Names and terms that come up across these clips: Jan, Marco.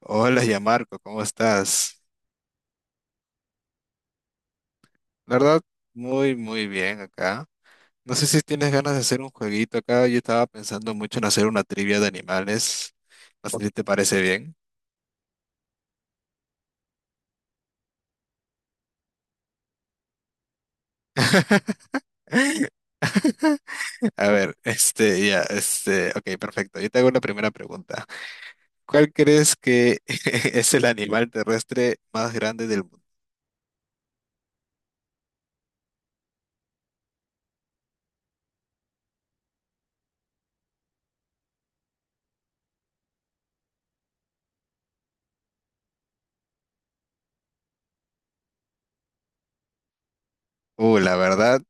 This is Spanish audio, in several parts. Hola, ya Marco, ¿cómo estás? La verdad, muy bien acá. No sé si tienes ganas de hacer un jueguito acá. Yo estaba pensando mucho en hacer una trivia de animales. No sé si te parece bien. A ver, ok, perfecto. Yo te hago la primera pregunta. ¿Cuál crees que es el animal terrestre más grande del mundo? La verdad,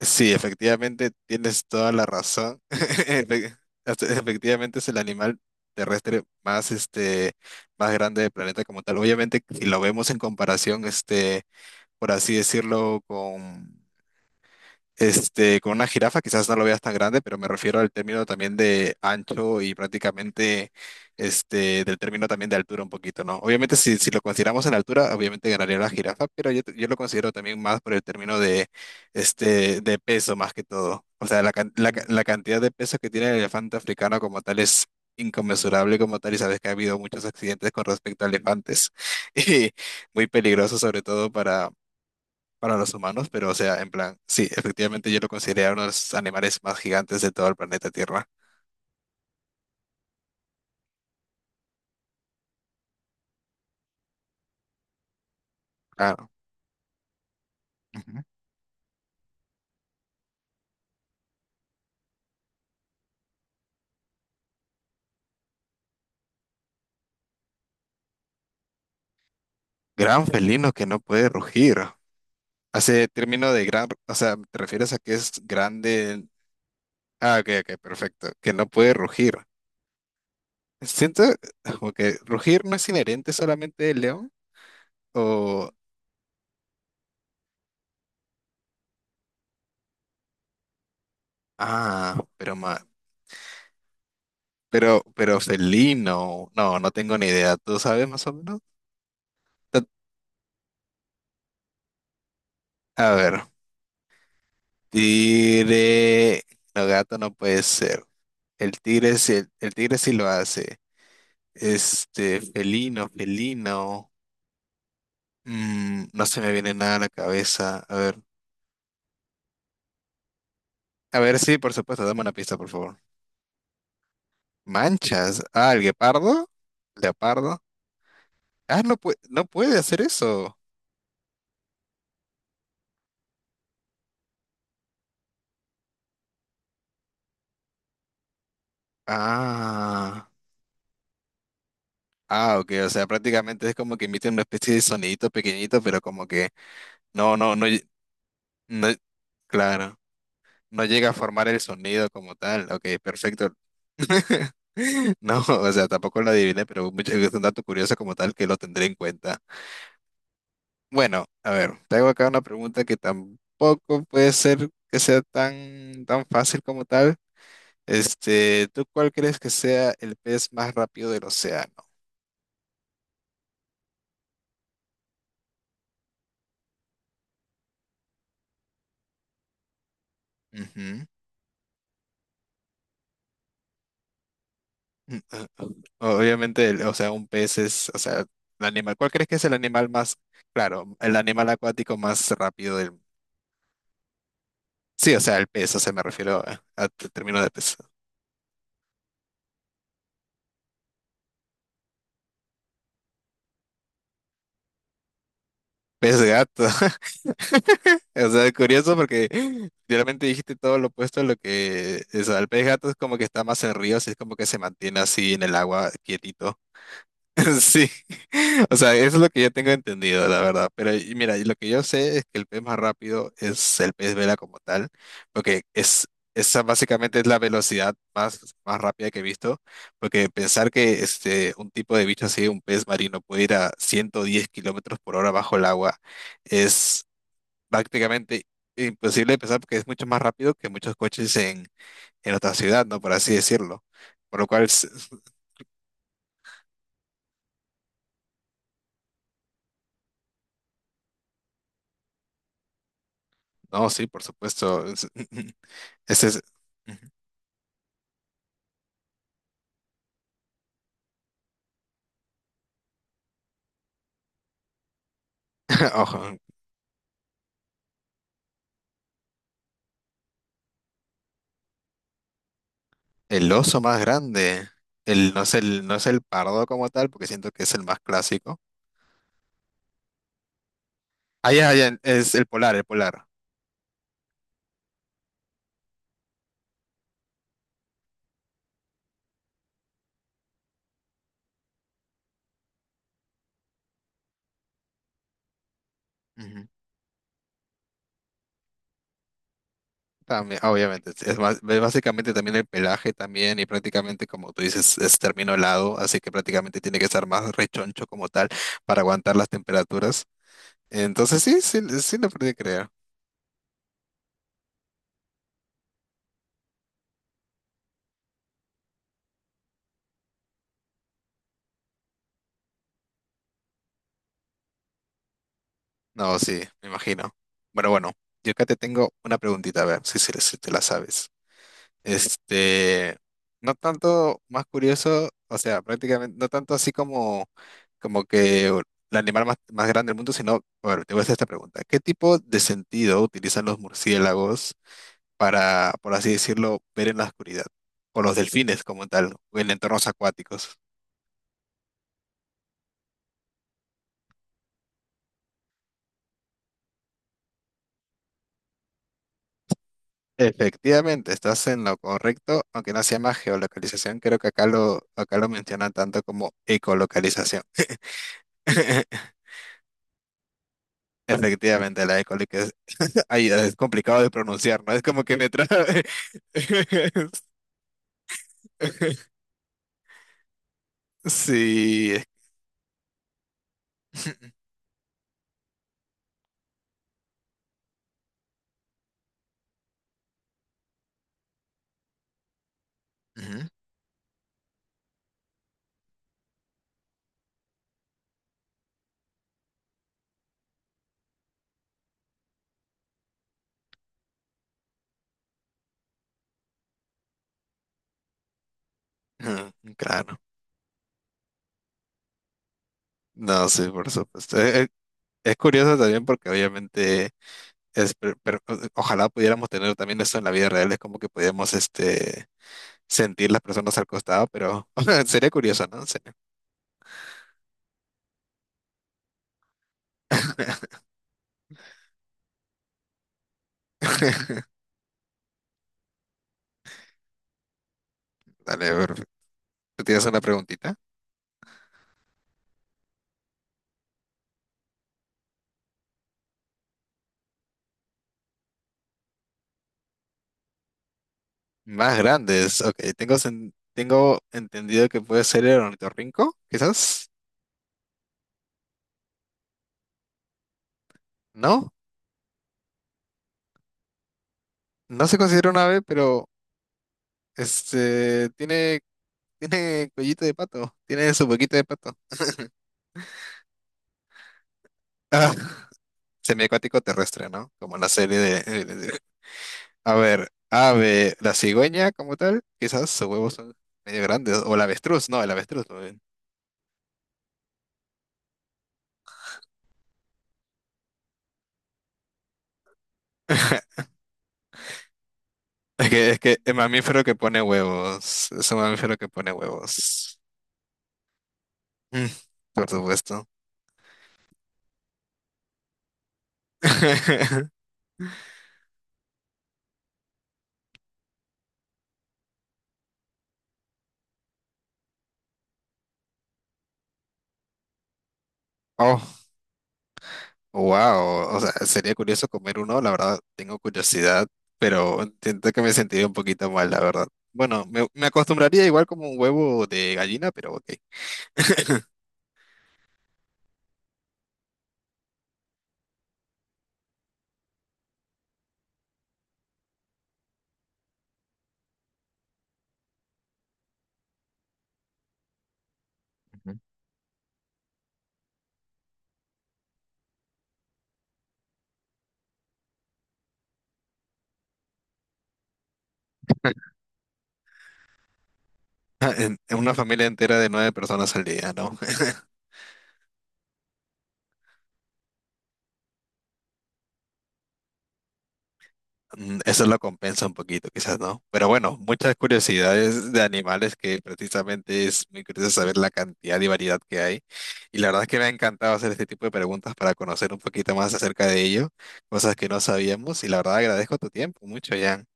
sí, efectivamente tienes toda la razón. Efectivamente es el animal terrestre más más grande del planeta como tal. Obviamente si lo vemos en comparación, por así decirlo con con una jirafa quizás no lo veas tan grande, pero me refiero al término también de ancho y prácticamente del término también de altura un poquito, ¿no? Obviamente si lo consideramos en altura, obviamente ganaría la jirafa, pero yo lo considero también más por el término de, este, de peso más que todo. O sea, la cantidad de peso que tiene el elefante africano como tal es inconmensurable como tal y sabes que ha habido muchos accidentes con respecto a elefantes y muy peligroso sobre todo para los humanos, pero o sea, en plan, sí, efectivamente yo lo consideré uno de los animales más gigantes de todo el planeta Tierra. Claro. Ujú. Gran felino que no puede rugir. Hace término de gran, o sea, ¿te refieres a que es grande? Ah, ok, perfecto. Que no puede rugir. Siento como que rugir no es inherente solamente del león o... Ah, pero ma... Pero felino. No, no tengo ni idea. ¿Tú sabes más o menos? Ta- A ver. Tigre. No, gato no puede ser. El tigre sí, el tigre sí lo hace. Este, felino. Mm, no se me viene nada a la cabeza. A ver. A ver, sí, por supuesto, dame una pista, por favor. Manchas. Ah, el guepardo. Leopardo. Ah, no puede hacer eso. Ah. Ah, ok, o sea, prácticamente es como que emite una especie de sonidito pequeñito, pero como que no, no, no, ll- no, claro. No llega a formar el sonido como tal. Ok, perfecto. No, o sea, tampoco lo adiviné, pero mucho- es un dato curioso como tal que lo tendré en cuenta. Bueno, a ver, te hago acá una pregunta que tampoco puede ser que sea tan fácil como tal. Este, ¿tú cuál crees que sea el pez más rápido del océano? Ujú. Mm, ah, ah. Obviamente, el- o sea, un pez es, o sea, el animal. ¿Cuál crees que es el animal más, claro, el animal acuático más rápido del sí, o sea, el pez, o sea, me refiero a tu término de pez. Pez gato. O sea, es curioso porque realmente dijiste todo lo opuesto a lo que... es el pez gato es como que está más en ríos, es como que se mantiene así en el agua quietito. Sí, o sea, eso es lo que yo tengo entendido, la verdad. Pero y mira, y lo que yo sé es que el pez más rápido es el pez vela como tal, porque es esa básicamente es la velocidad más rápida que he visto, porque pensar que un tipo de bicho así, un pez marino, puede ir a 110 kilómetros por hora bajo el agua es prácticamente imposible de pensar porque es mucho más rápido que muchos coches en otra ciudad, ¿no? Por así decirlo. Por lo cual, s- no, sí, por supuesto. Ese es, ojo, el oso más grande. El, no es el pardo como tal, porque siento que es el más clásico. Ah, es el polar, el polar. Ujú. También, obviamente, es básicamente también el pelaje también y prácticamente como tú dices es término helado, así que prácticamente tiene que estar más rechoncho como tal para aguantar las temperaturas. Entonces sí, lo puede creer. No, sí, me imagino. Bueno, yo acá te tengo una preguntita, a ver si te la sabes. Este, no tanto más curioso, o sea, prácticamente, no tanto así como, como que el animal más grande del mundo, sino, bueno, te voy a hacer esta pregunta. ¿Qué tipo de sentido utilizan los murciélagos para, por así decirlo, ver en la oscuridad? O los delfines como tal, o en entornos acuáticos. Efectivamente, estás en lo correcto, aunque no se llama geolocalización, creo que acá lo mencionan tanto como ecolocalización. Efectivamente, la ecoloca- Ay, es complicado de pronunciar, ¿no? Es como que me trae. Sí. Es- Ujú, Claro. No, sí, por supuesto. Es curioso también porque obviamente es ojalá pudiéramos tener también eso en la vida real, es como que pudiéramos sentir las personas al costado, pero sería curioso, ¿no? Sería- Dale, a ver, ¿tú tienes una preguntita? Más grandes, ok. Tengo, sen- tengo entendido que puede ser el ornitorrinco, quizás. No, no se considera una ave, pero este tiene, tiene cuellito de pato, tiene su boquita de pato. Ah, semiacuático terrestre, ¿no? Como la serie de, A ver, ave, la cigüeña como tal, quizás sus huevos son medio grandes. O el avestruz, no, el avestruz más bien. Es que el mamífero que pone huevos. Es un mamífero que pone huevos. Mm, por supuesto. Oh. Wow, o sea, sería curioso comer uno, la verdad, tengo curiosidad, pero siento que me sentiría un poquito mal, la verdad. Bueno, me acostumbraría igual como un huevo de gallina, pero ok. Ujú. En una familia entera de nueve personas al día, ¿no? Mm, eso lo compensa un poquito, quizás, ¿no? Pero bueno, muchas curiosidades de animales que precisamente es muy curioso saber la cantidad y variedad que hay. Y la verdad es que me ha encantado hacer este tipo de preguntas para conocer un poquito más acerca de ello, cosas que no sabíamos. Y la verdad agradezco tu tiempo mucho, Jan.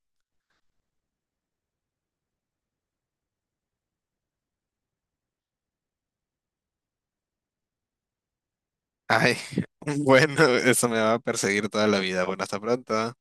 Ay, bueno, eso me va a perseguir toda la vida. Bueno, hasta pronto.